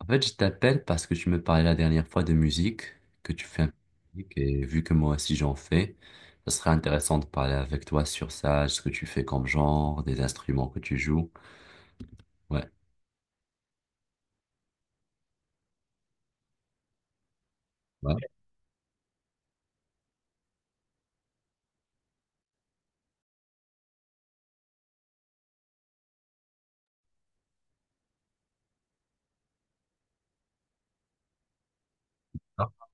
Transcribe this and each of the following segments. En fait, je t'appelle parce que tu me parlais la dernière fois de musique, que tu fais un peu de musique, et vu que moi aussi j'en fais, ça serait intéressant de parler avec toi sur ça, ce que tu fais comme genre, des instruments que tu joues. Ouais. Ouais. Ah,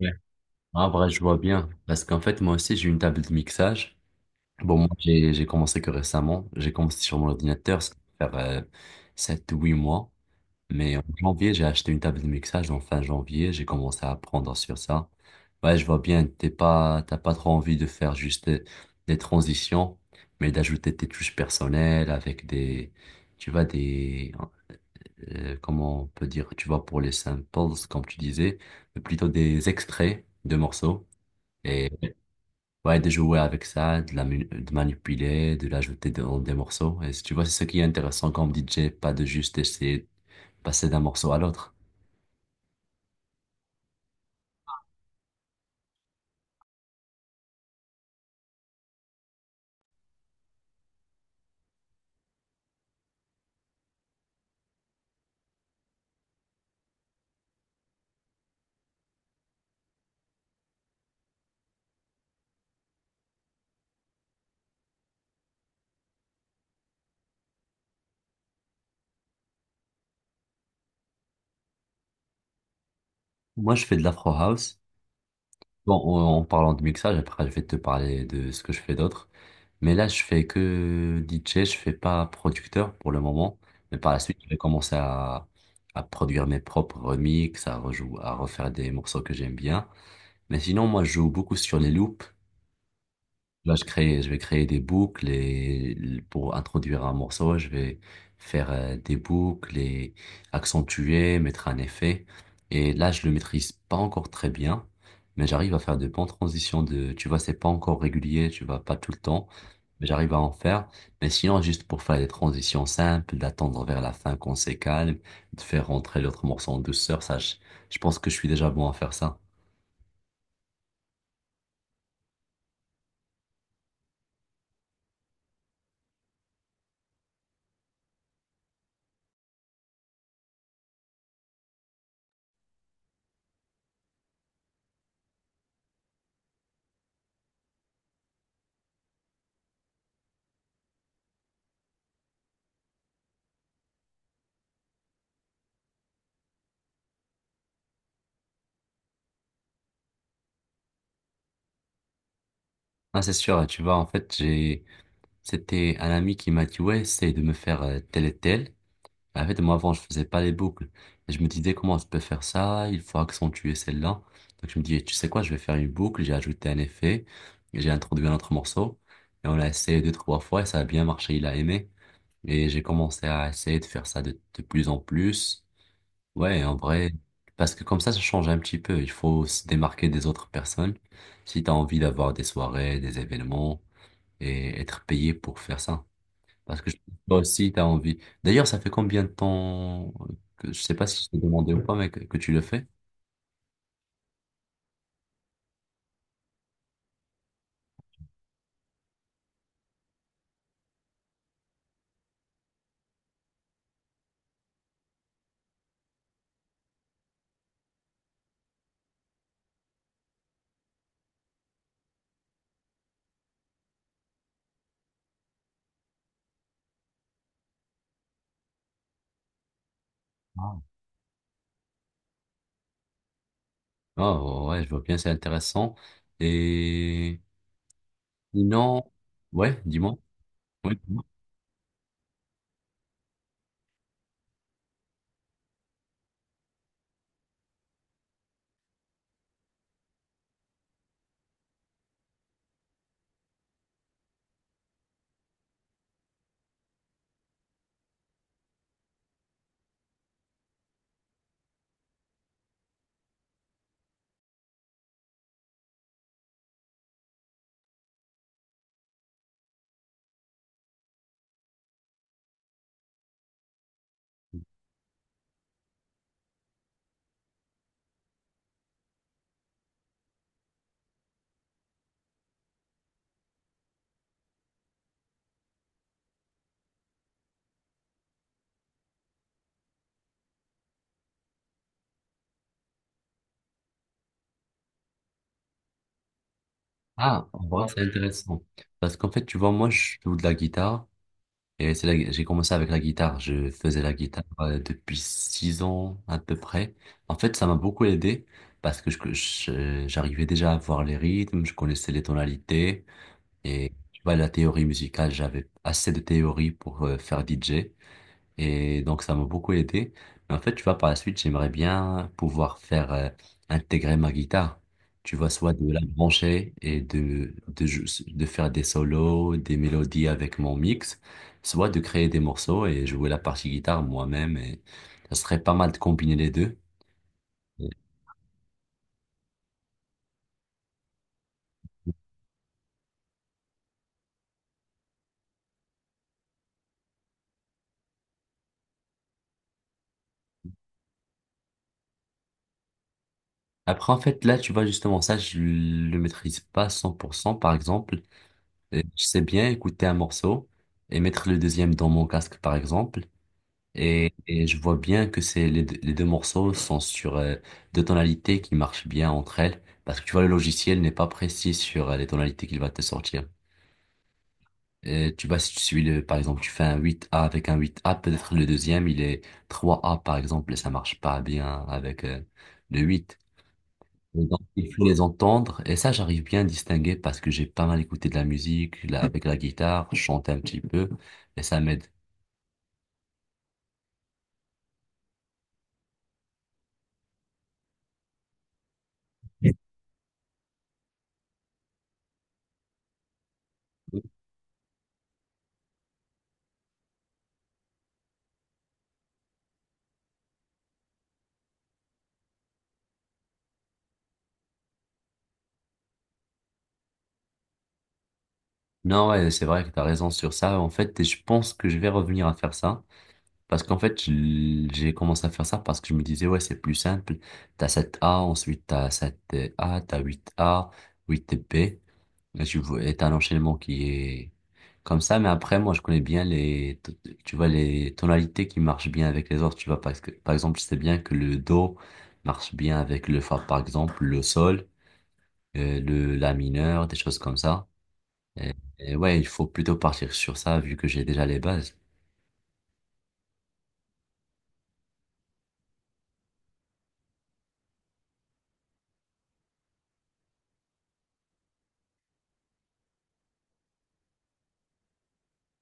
ouais. En vrai, je vois bien, parce qu'en fait, moi aussi, j'ai une table de mixage. Bon, moi, j'ai commencé que récemment, j'ai commencé sur mon ordinateur, ça va faire 7 ou 8 mois. Mais en janvier, j'ai acheté une table de mixage en fin janvier. J'ai commencé à apprendre sur ça. Ouais, je vois bien, t'es pas, t'as pas trop envie de faire juste des transitions, mais d'ajouter tes touches personnelles avec des, tu vois, des, comment on peut dire, tu vois, pour les samples, comme tu disais, mais plutôt des extraits de morceaux. Et ouais, de jouer avec ça, de la, de manipuler, de l'ajouter dans des morceaux. Et tu vois, c'est ce qui est intéressant comme DJ, pas de juste essayer de passer d'un morceau à l'autre. Moi, je fais de l'afro house. Bon, en, en parlant de mixage, après, je vais te parler de ce que je fais d'autre. Mais là, je fais que DJ, je fais pas producteur pour le moment. Mais par la suite, je vais commencer à produire mes propres remixes, à refaire des morceaux que j'aime bien. Mais sinon, moi, je joue beaucoup sur les loops. Là, je crée, je vais créer des boucles et pour introduire un morceau, je vais faire des boucles et accentuer, mettre un effet. Et là, je le maîtrise pas encore très bien, mais j'arrive à faire de bonnes transitions de, tu vois, c'est pas encore régulier, tu vois, pas tout le temps, mais j'arrive à en faire. Mais sinon, juste pour faire des transitions simples, d'attendre vers la fin qu'on s'est calme, de faire rentrer l'autre morceau en douceur, ça, je pense que je suis déjà bon à faire ça. Ah, c'est sûr, tu vois, en fait, c'était un ami qui m'a dit, ouais, essaye de me faire tel et tel. Mais en fait, moi, avant, je faisais pas les boucles. Et je me disais, comment je peux faire ça? Il faut accentuer celle-là. Donc, je me dis, tu sais quoi, je vais faire une boucle. J'ai ajouté un effet. J'ai introduit un autre morceau. Et on l'a essayé deux, trois fois et ça a bien marché. Il a aimé. Et j'ai commencé à essayer de faire ça de, plus en plus. Ouais, en vrai. Parce que comme ça change un petit peu. Il faut se démarquer des autres personnes si tu as envie d'avoir des soirées, des événements et être payé pour faire ça. Parce que toi aussi, tu as envie. D'ailleurs, ça fait combien de temps que je sais pas si je t'ai demandé ou pas, mais que tu le fais? Ah. Ah, ouais, je vois bien, c'est intéressant. Et non, ouais, dis-moi. Ouais, dis-moi. Ah, en vrai, c'est intéressant. Parce qu'en fait, tu vois, moi, je joue de la guitare. Et j'ai commencé avec la guitare. Je faisais la guitare depuis 6 ans à peu près. En fait, ça m'a beaucoup aidé parce que j'arrivais déjà à voir les rythmes, je connaissais les tonalités. Et tu vois, la théorie musicale, j'avais assez de théorie pour faire DJ. Et donc, ça m'a beaucoup aidé. Mais en fait, tu vois, par la suite, j'aimerais bien pouvoir faire intégrer ma guitare. Tu vois, soit de la brancher et de faire des solos, des mélodies avec mon mix, soit de créer des morceaux et jouer la partie guitare moi-même. Et ça serait pas mal de combiner les deux. Après, en fait, là, tu vois, justement, ça, je le maîtrise pas 100%, par exemple. Je sais bien écouter un morceau et mettre le deuxième dans mon casque, par exemple. Et je vois bien que c'est les deux, morceaux sont sur deux tonalités qui marchent bien entre elles. Parce que tu vois, le logiciel n'est pas précis sur les tonalités qu'il va te sortir. Et tu vois, si tu suis le, par exemple, tu fais un 8A avec un 8A, peut-être le deuxième, il est 3A, par exemple, et ça marche pas bien avec le 8. Et donc, il faut les entendre. Et ça, j'arrive bien à distinguer parce que j'ai pas mal écouté de la musique, là, avec la guitare, je chante un petit peu, et ça m'aide. Non, ouais, c'est vrai que t'as raison sur ça. En fait, je pense que je vais revenir à faire ça. Parce qu'en fait, j'ai commencé à faire ça parce que je me disais, ouais, c'est plus simple. T'as 7A ensuite t'as 7A t'as 8A 8B. Là, tu vois, est un enchaînement qui est comme ça, mais après, moi, je connais bien les, tu vois, les tonalités qui marchent bien avec les autres, tu vois, parce que, par exemple, je sais bien que le do marche bien avec le fa, par exemple, le sol, le la mineur, des choses comme ça. Et ouais, il faut plutôt partir sur ça, vu que j'ai déjà les bases.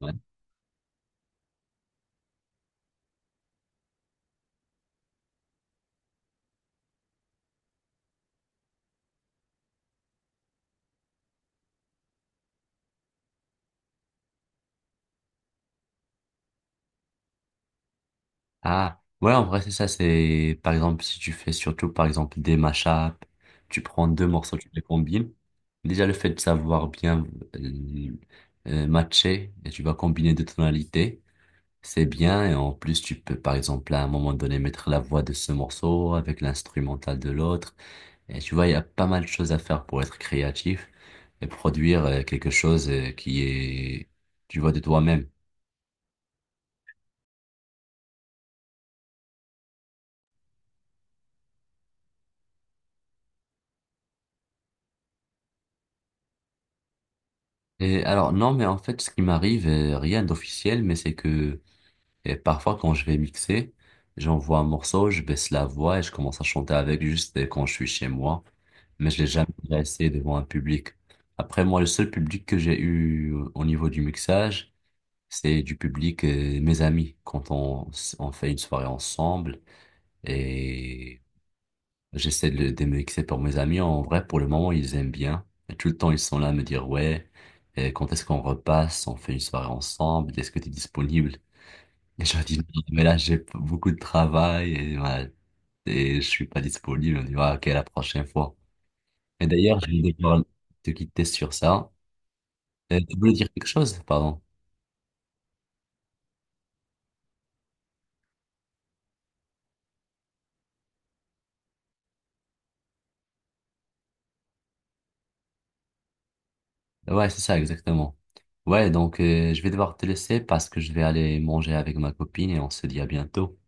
Ouais. Ah, ouais, en vrai, c'est ça. C'est, par exemple, si tu fais surtout, par exemple, des mashups, tu prends deux morceaux, tu les combines. Déjà, le fait de savoir bien euh, matcher, et tu vas combiner deux tonalités, c'est bien. Et en plus, tu peux, par exemple, à un moment donné, mettre la voix de ce morceau avec l'instrumental de l'autre. Et tu vois, il y a pas mal de choses à faire pour être créatif et produire quelque chose qui est, tu vois, de toi-même. Et alors, non, mais en fait, ce qui m'arrive, rien d'officiel, mais c'est que parfois, quand je vais mixer, j'envoie un morceau, je baisse la voix et je commence à chanter avec juste quand je suis chez moi. Mais je l'ai jamais essayé devant un public. Après, moi, le seul public que j'ai eu au niveau du mixage, c'est du public, mes amis, quand on, on fait une soirée ensemble. Et j'essaie de me mixer pour mes amis. En vrai, pour le moment, ils aiment bien. Et tout le temps, ils sont là à me dire, ouais, et quand est-ce qu'on repasse? On fait une soirée ensemble? Est-ce que tu es disponible? Et je leur dis, non, mais là, j'ai beaucoup de travail et, voilà, et je suis pas disponible. On dit, ah, ok, la prochaine fois. Et d'ailleurs, je vais devoir te quitter sur ça. Tu voulais dire quelque chose? Pardon. Ouais, c'est ça, exactement. Ouais, donc, je vais devoir te laisser parce que je vais aller manger avec ma copine et on se dit à bientôt.